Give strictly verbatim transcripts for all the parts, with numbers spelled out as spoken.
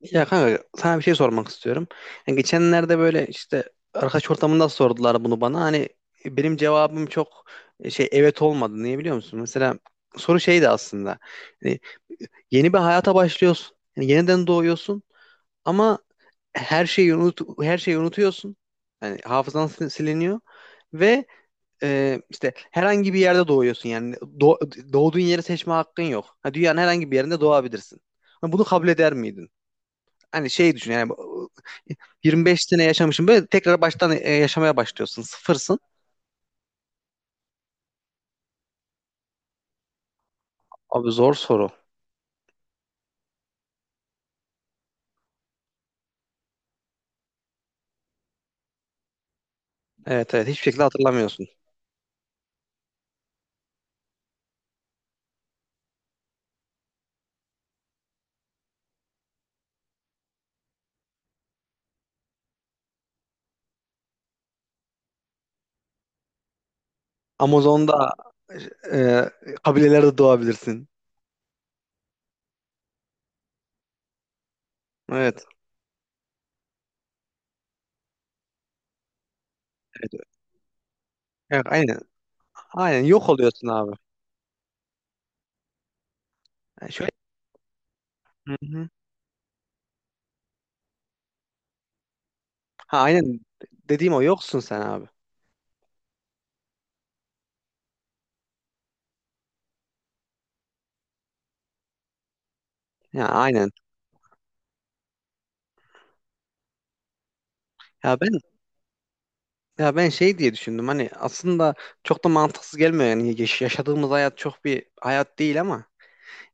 Ya kanka sana bir şey sormak istiyorum. Yani geçenlerde böyle işte arkadaş ortamında sordular bunu bana. Hani benim cevabım çok e, şey evet olmadı. Niye biliyor musun? Mesela soru şeydi aslında. Yani yeni bir hayata başlıyorsun. Yani yeniden doğuyorsun ama her şeyi unut her şeyi unutuyorsun. Yani hafızan sil- siliniyor ve e, işte herhangi bir yerde doğuyorsun. Yani doğ- doğduğun yeri seçme hakkın yok. Ha, dünyanın herhangi bir yerinde doğabilirsin. Ha, bunu kabul eder miydin? Hani şey düşün yani bu- yirmi beş sene yaşamışım böyle tekrar baştan e, yaşamaya başlıyorsun. Sıfırsın. Abi zor soru. Evet evet, hiçbir şekilde hatırlamıyorsun. Amazon'da, e, kabilelerde doğabilirsin. Evet. Evet. Evet, aynen. Aynen yok oluyorsun abi. Yani şöyle, hı hı. Ha, aynen dediğim o, yoksun sen abi. Ya aynen. Ya ben ya ben şey diye düşündüm. Hani aslında çok da mantıksız gelmiyor yani yaş- yaşadığımız hayat çok bir hayat değil ama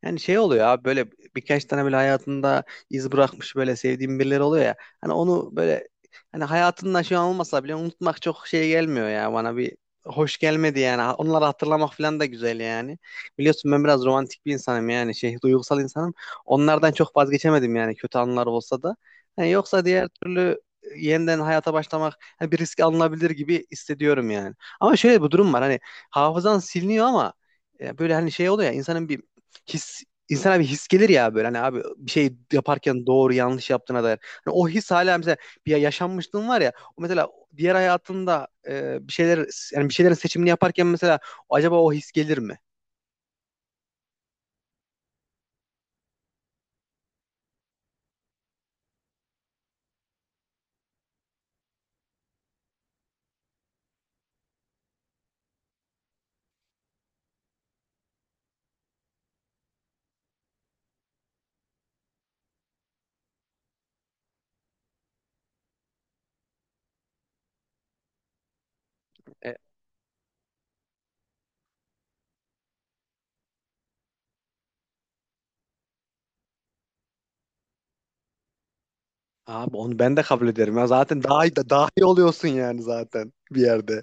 yani şey oluyor abi, böyle birkaç tane böyle hayatında iz bırakmış, böyle sevdiğim birileri oluyor ya. Hani onu böyle, hani hayatında şu an olmasa bile unutmak çok şey gelmiyor ya bana, bir hoş gelmedi yani. Ha- Onları hatırlamak falan da güzel yani. Biliyorsun ben biraz romantik bir insanım, yani şey, duygusal insanım. Onlardan çok vazgeçemedim yani, kötü anılar olsa da. Hani yoksa diğer türlü e, yeniden hayata başlamak hani bir risk alınabilir gibi hissediyorum yani. Ama şöyle bir durum var, hani hafızan siliniyor ama ya böyle hani şey oluyor ya, insanın bir his, insana bir his gelir ya, böyle hani abi, bir şey yaparken doğru yanlış yaptığına dair. Hani o his hala mesela, bir yaşanmışlığın var ya, o mesela diğer hayatında e, bir şeyler, yani bir şeylerin seçimini yaparken mesela acaba o his gelir mi? E, Abi onu ben de kabul ederim ya, zaten daha da daha iyi oluyorsun yani zaten bir yerde.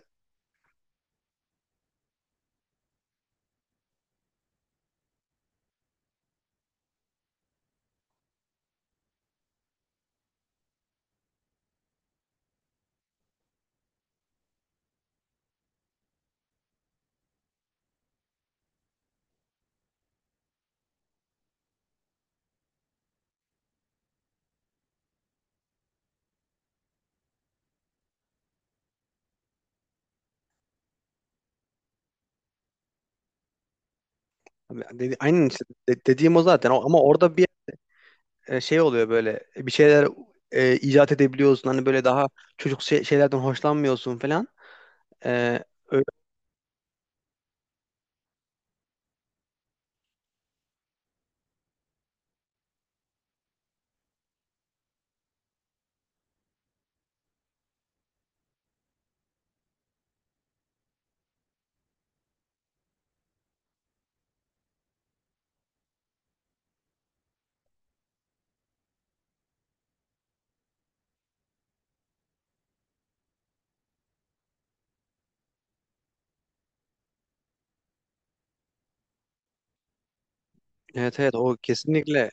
Abi dedi- aynen işte, de- dediğim o zaten. O- ama orada bir e, şey oluyor, böyle bir şeyler e, icat edebiliyorsun, hani böyle daha çocuk şey- şeylerden hoşlanmıyorsun falan. E, Evet evet, o kesinlikle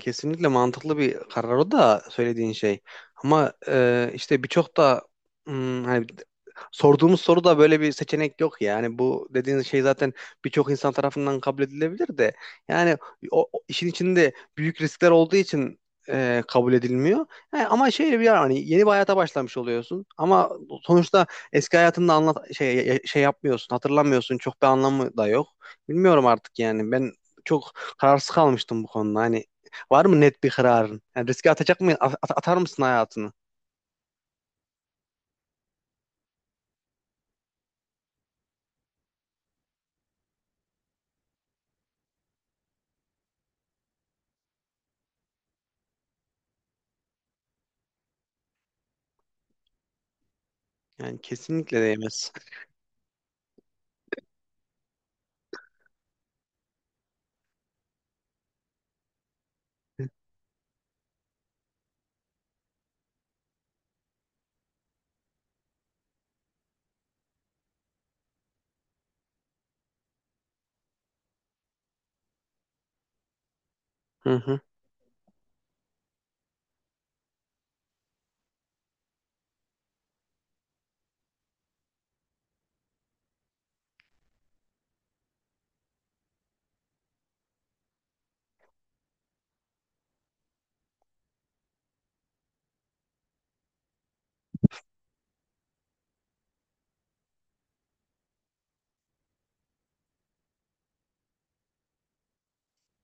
kesinlikle mantıklı bir karar o da söylediğin şey. Ama e, işte birçok da hmm, hani sorduğumuz soruda böyle bir seçenek yok ya. Yani bu dediğin şey zaten birçok insan tarafından kabul edilebilir de yani o, o işin içinde büyük riskler olduğu için e, kabul edilmiyor. Yani ama şöyle bir yer, hani yeni bir hayata başlamış oluyorsun ama sonuçta eski hayatında anlat, şey şey yapmıyorsun, hatırlamıyorsun. Çok bir anlamı da yok. Bilmiyorum artık yani. Ben çok kararsız kalmıştım bu konuda. Hani var mı net bir kararın? Yani riske atacak mı? At- at- atar mısın hayatını? Yani kesinlikle değmez. Hı hı.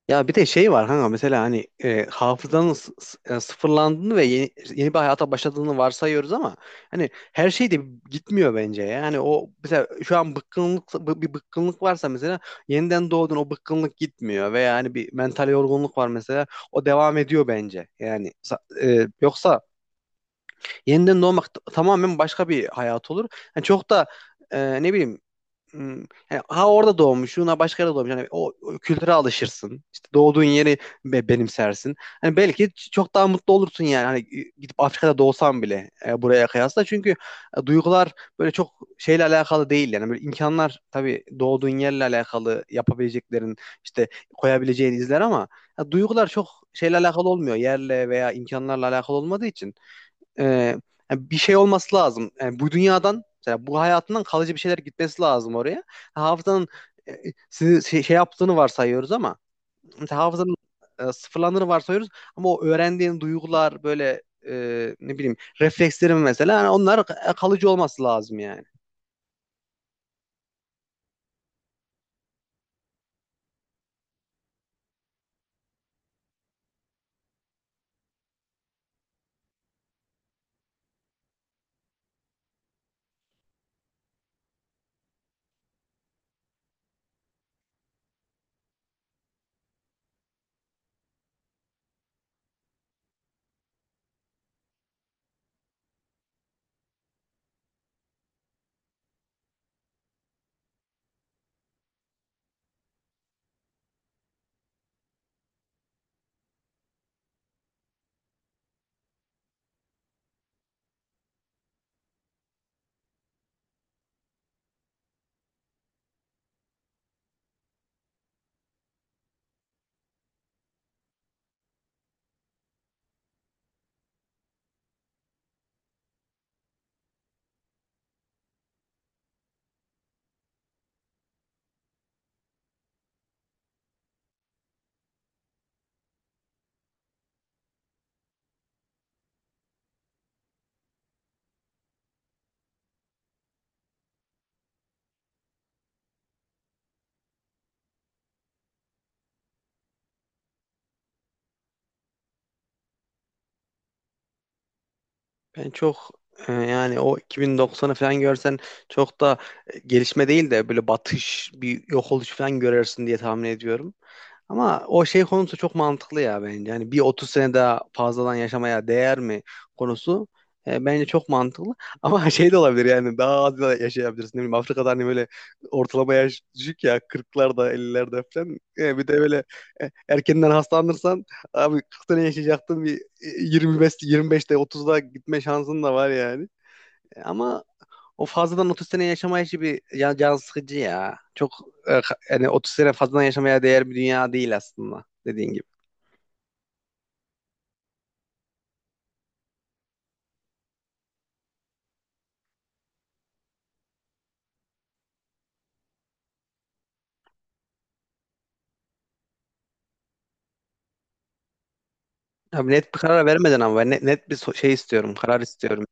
Ya bir de şey var kanka, mesela hani e, hafızanın s- s- e, sıfırlandığını ve yeni, yeni bir hayata başladığını varsayıyoruz ama hani her şey de gitmiyor bence ya. Yani o mesela şu an bıkkınlık bı- bir bıkkınlık varsa mesela, yeniden doğdun, o bıkkınlık gitmiyor veya hani bir mental yorgunluk var mesela, o devam ediyor bence. Yani sa- e, yoksa yeniden doğmak t- tamamen başka bir hayat olur. Yani çok da e, ne bileyim, m, yani ha orada doğmuş, ha başka yerde doğmuş. Yani o, o kültüre alışırsın. İşte doğduğun yeri be- benimsersin. Hani belki ç- çok daha mutlu olursun yani. Hani e, gidip Afrika'da doğsan bile e, buraya kıyasla. Çünkü e, duygular böyle çok şeyle alakalı değil yani. Böyle imkanlar tabii doğduğun yerle alakalı, yapabileceklerin, işte koyabileceğin izler ama ya duygular çok şeyle alakalı olmuyor. Yerle veya imkanlarla alakalı olmadığı için e, yani bir şey olması lazım. Yani bu dünyadan, mesela bu hayatından kalıcı bir şeyler gitmesi lazım oraya. Hafızanın e, sizi şey, şey yaptığını varsayıyoruz ama mesela hafızanın e, sıfırlandığını varsayıyoruz ama o öğrendiğin duygular böyle e, ne bileyim, reflekslerim mesela, yani onlar kalıcı olması lazım yani. Ben çok e, yani o iki bin doksanı falan görsen çok da e, gelişme değil de böyle batış, bir yok oluş falan görürsün diye tahmin ediyorum. Ama o şey konusu çok mantıklı ya bence. Yani bir otuz sene daha fazladan yaşamaya değer mi konusu, e, bence çok mantıklı. Ama şey de olabilir yani, daha az da yaşayabilirsin. Ne bileyim, Afrika'da hani böyle ortalama yaş düşük ya, kırklarda, ellilerde falan. E, bir de böyle e, erkenden hastalanırsan abi, kırk sene yaşayacaktın, bir e, yirmi beş yirmi beşte, otuzda gitme şansın da var yani. E, Ama o fazladan otuz sene yaşama işi bir ya- can sıkıcı ya. Çok e, ka- yani otuz sene fazladan yaşamaya değer bir dünya değil aslında, dediğin gibi. Abi net bir karar vermeden ama, ben net, net bir so- şey istiyorum, karar istiyorum.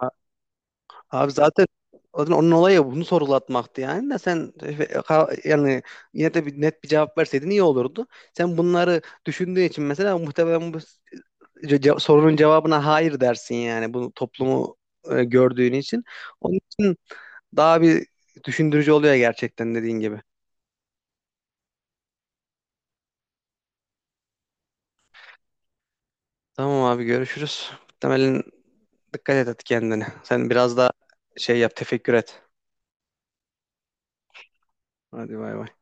A- Abi zaten zaten onun olayı bunu sorgulatmaktı yani de sen e, ka- yani yine de bir net bir cevap verseydin iyi olurdu. Sen bunları düşündüğün için mesela muhtemelen bu ce- ce- sorunun cevabına hayır dersin yani, bunu toplumu e, gördüğün için. Onun için daha bir düşündürücü oluyor gerçekten, dediğin gibi. Tamam abi, görüşürüz. Muhtemelen dikkat et, hadi kendine. Sen biraz da şey yap, tefekkür et. Hadi bay bay.